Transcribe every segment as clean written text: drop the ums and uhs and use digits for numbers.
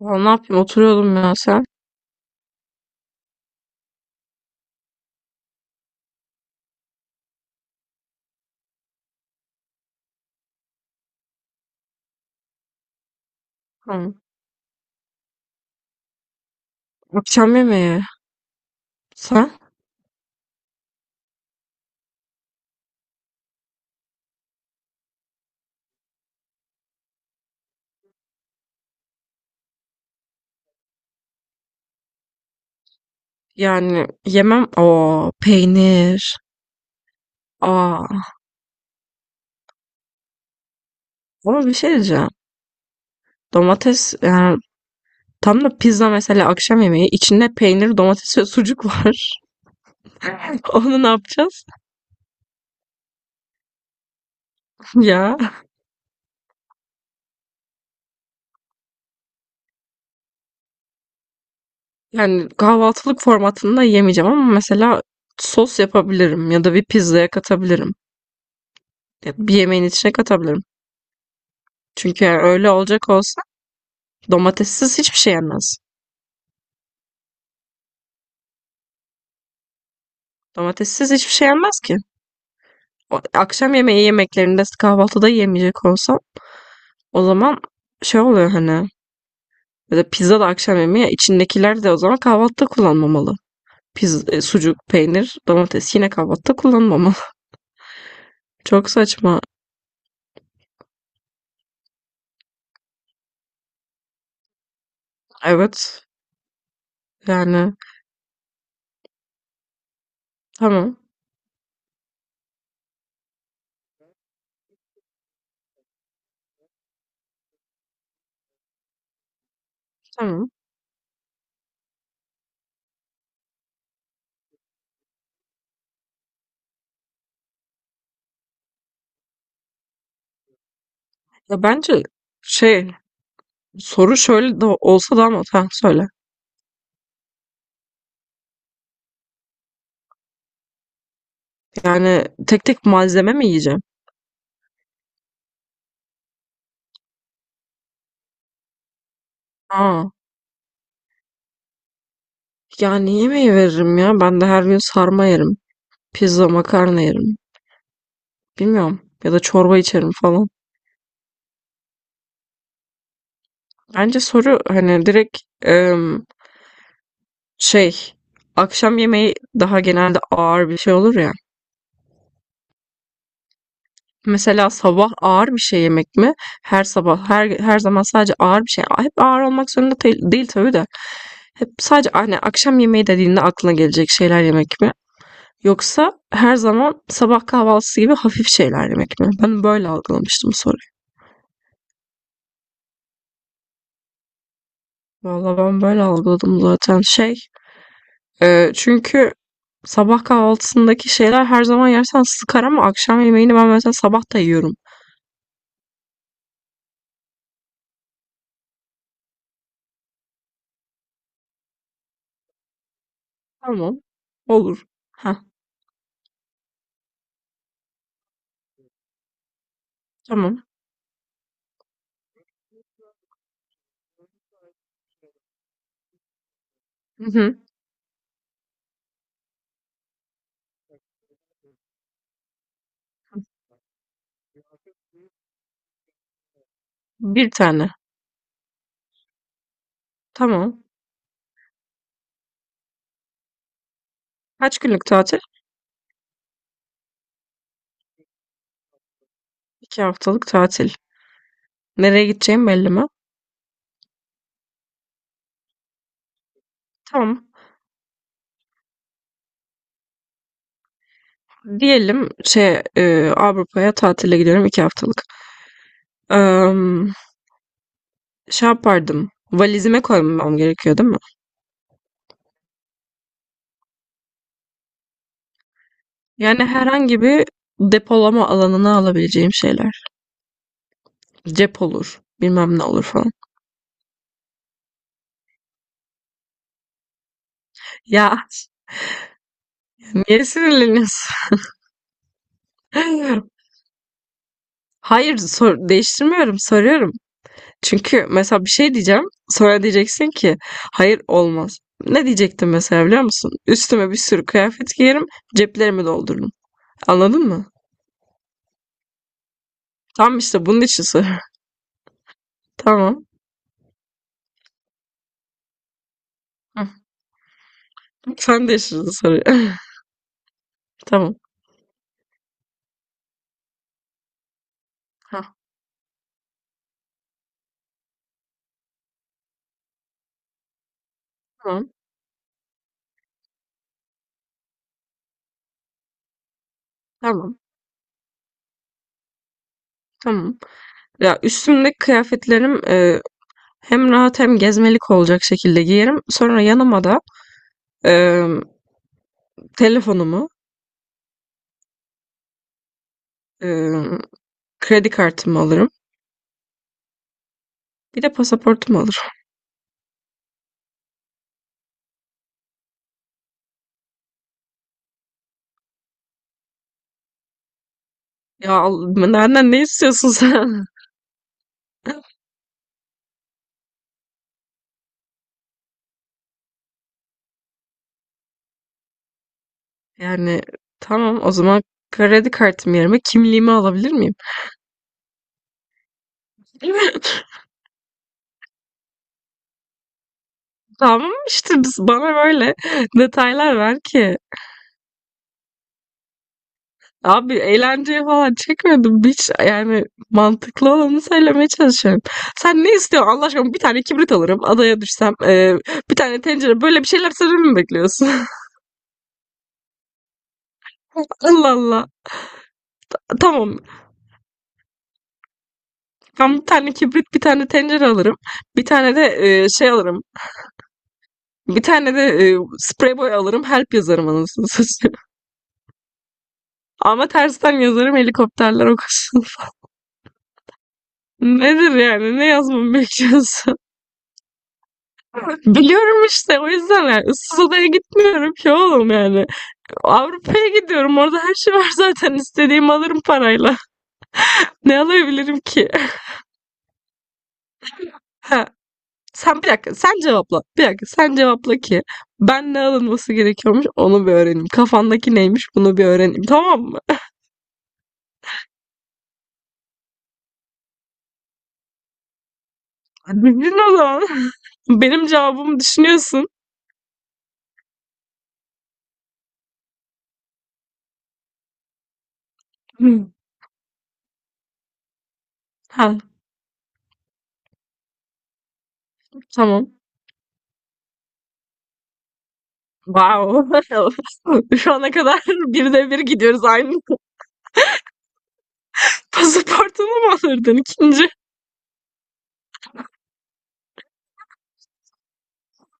Valla ne yapayım oturuyordum ya sen. Hı. Akşam yemeği. Sen? Yani yemem. O peynir. Aa. Ama bir şey diyeceğim. Domates yani tam da pizza mesela akşam yemeği içinde peynir, domates ve sucuk var. Onu ne yapacağız? Ya yani kahvaltılık formatında yemeyeceğim ama mesela sos yapabilirim ya da bir pizzaya katabilirim. Ya bir yemeğin içine katabilirim. Çünkü yani öyle olacak olsa domatessiz hiçbir şey yenmez. Domatessiz hiçbir şey yenmez ki. Akşam yemeği yemeklerinde kahvaltıda yemeyecek olsam o zaman şey oluyor hani ya da pizza da akşam yemeği içindekiler de o zaman kahvaltıda kullanmamalı. Sucuk, peynir, domates yine kahvaltıda kullanmamalı. Çok saçma. Evet. Yani tamam. Tamam. Ya bence şey soru şöyle de olsa da ama ha, söyle. Yani tek tek malzeme mi yiyeceğim? Aa, yani yemeği veririm ya. Ben de her gün sarma yerim. Pizza, makarna yerim. Bilmiyorum. Ya da çorba içerim falan. Bence soru hani direkt şey akşam yemeği daha genelde ağır bir şey olur ya. Mesela sabah ağır bir şey yemek mi? Her sabah her zaman sadece ağır bir şey. Hep ağır olmak zorunda değil, değil tabii de. Hep sadece hani akşam yemeği dediğinde aklına gelecek şeyler yemek mi? Yoksa her zaman sabah kahvaltısı gibi hafif şeyler yemek mi? Ben böyle algılamıştım soruyu. Valla ben böyle algıladım zaten. Çünkü sabah kahvaltısındaki şeyler her zaman yersen sıkar ama akşam yemeğini ben mesela sabah da yiyorum. Tamam. Olur. Heh, tamam. Hı hı. Bir tane. Tamam. Kaç günlük tatil? İki haftalık tatil. Nereye gideceğim belli mi? Tamam. Diyelim Avrupa'ya tatile gidiyorum iki haftalık. Eee, Yapardım. Valizime koymam gerekiyor değil mi? Yani herhangi bir depolama alanına alabileceğim şeyler. Cep olur. Bilmem ne olur falan. Ya niye sinirleniyorsun? Hayır, sor değiştirmiyorum, soruyorum. Çünkü mesela bir şey diyeceğim, sonra diyeceksin ki hayır olmaz. Ne diyecektim mesela biliyor musun? Üstüme bir sürü kıyafet giyerim, ceplerimi doldururum. Anladın mı? Tam işte bunun için soruyorum. Tamam. Hı. Sen değiştirdin soruyu. Tamam. Ha, tamam. Tamam. Tamam. Ya üstümdeki kıyafetlerim hem rahat hem gezmelik olacak şekilde giyerim. Sonra yanıma da e, telefonumu, e, kredi kartımı alırım. Bir de pasaportumu alırım. Ya benden ne istiyorsun sen? Yani tamam o zaman kredi kartım yerime kimliğimi alabilir miyim? Tamam işte biz, bana böyle detaylar ver ki. Abi eğlenceye falan çekmedim. Hiç yani mantıklı olanı söylemeye çalışıyorum. Sen ne istiyorsun Allah aşkına? Bir tane kibrit alırım. Adaya düşsem. Bir tane tencere. Böyle bir şeyler söylememi mi bekliyorsun? Allah Allah. Tamam. Ben bir tane kibrit, bir tane tencere alırım. Bir tane de alırım. Bir tane de sprey boy alırım. Help yazarım anasını satayım. Ama tersten yazarım helikopterler okusun. Nedir yani? Ne yazmamı bekliyorsun? Biliyorum işte o yüzden yani ıssız adaya gitmiyorum ki oğlum yani. Avrupa'ya gidiyorum. Orada her şey var zaten. İstediğimi alırım parayla. Ne alabilirim ki? He, sen bir dakika cevapla. Bir dakika sen cevapla ki ben ne alınması gerekiyormuş onu bir öğreneyim. Kafandaki neymiş bunu bir öğreneyim tamam mı? Bildin o zaman. Benim cevabımı düşünüyorsun. Hı. Ha, tamam. Wow. Şu ana kadar bir de bir gidiyoruz aynı. Pasaportunu mu alırdın ikinci?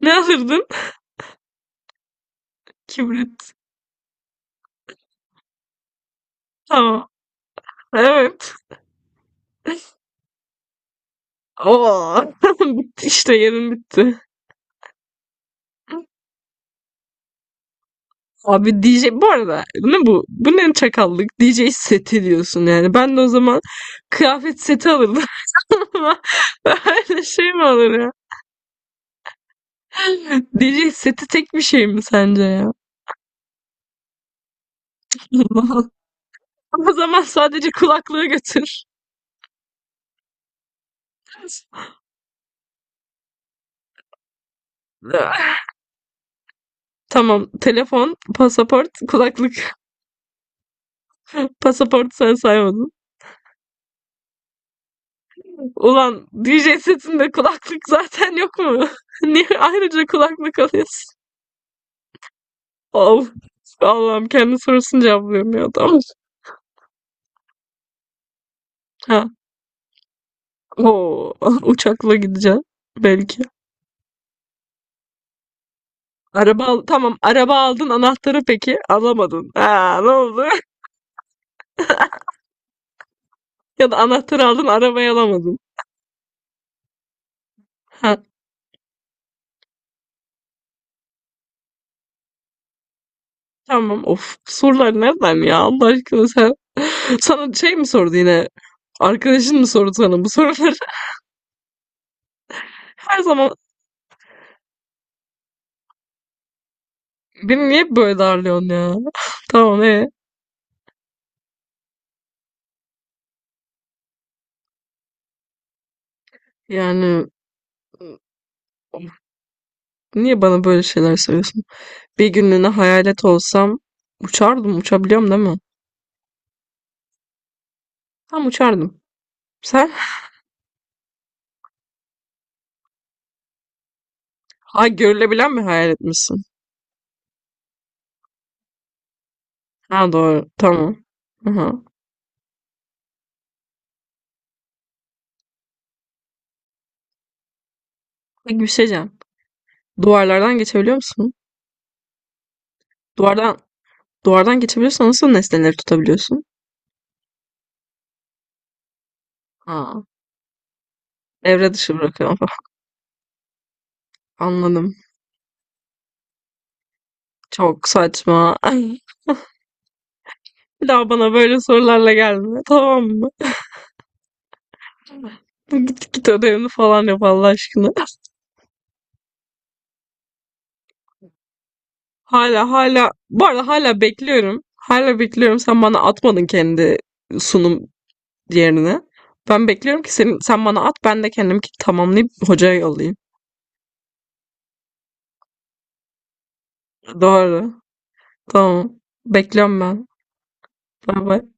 Ne alırdın? Kibrit. Tamam. Evet. Oo. Bitti işte yerin bitti. Abi DJ bu arada ne bu? Bu ne çakallık? DJ seti diyorsun yani. Ben de o zaman kıyafet seti alırdım. Ama öyle şey mi olur ya? DJ seti tek bir şey mi sence ya? O zaman sadece kulaklığı götür. Tamam. Telefon, pasaport, kulaklık. Pasaport sen saymadın. Ulan DJ setinde kulaklık zaten yok mu? Niye ayrıca kulaklık alıyorsun? Of. Allah'ım kendi sorusunu cevaplıyorum ya. Tamam. Ha. Oo, uçakla gideceğim belki. Araba al tamam araba aldın anahtarı peki alamadın. Ha, ne oldu? Ya da anahtarı aldın arabayı alamadın. Ha, tamam of sorular nereden ya Allah aşkına sen. Sana şey mi sordu yine? Arkadaşın mı sordu sana bu soruları? Her zaman beni niye böyle darlıyorsun ya? Tamam e. Yani of, niye bana böyle şeyler söylüyorsun? Bir günlüğüne hayalet olsam uçardım uçabiliyorum değil mi? Tam uçardım. Sen? Ha, görülebilen mi hayal etmişsin? Ha doğru. Tamam. Aha. Peki bir şey diyeceğim. Duvarlardan geçebiliyor musun? Duvardan duvardan geçebiliyorsan nasıl nesneleri tutabiliyorsun? Ha. Evre dışı bırakıyorum. Anladım. Çok saçma. Ay, bir daha bana böyle sorularla gelme. Tamam mı? Bu git ödevini falan yap Allah aşkına. Hala bu arada bekliyorum. Hala bekliyorum. Sen bana atmadın kendi sunum diğerini. Ben bekliyorum ki senin, sen bana at ben de kendimki tamamlayıp hocaya yollayayım. Doğru. Tamam. Bekliyorum ben. Bay bay.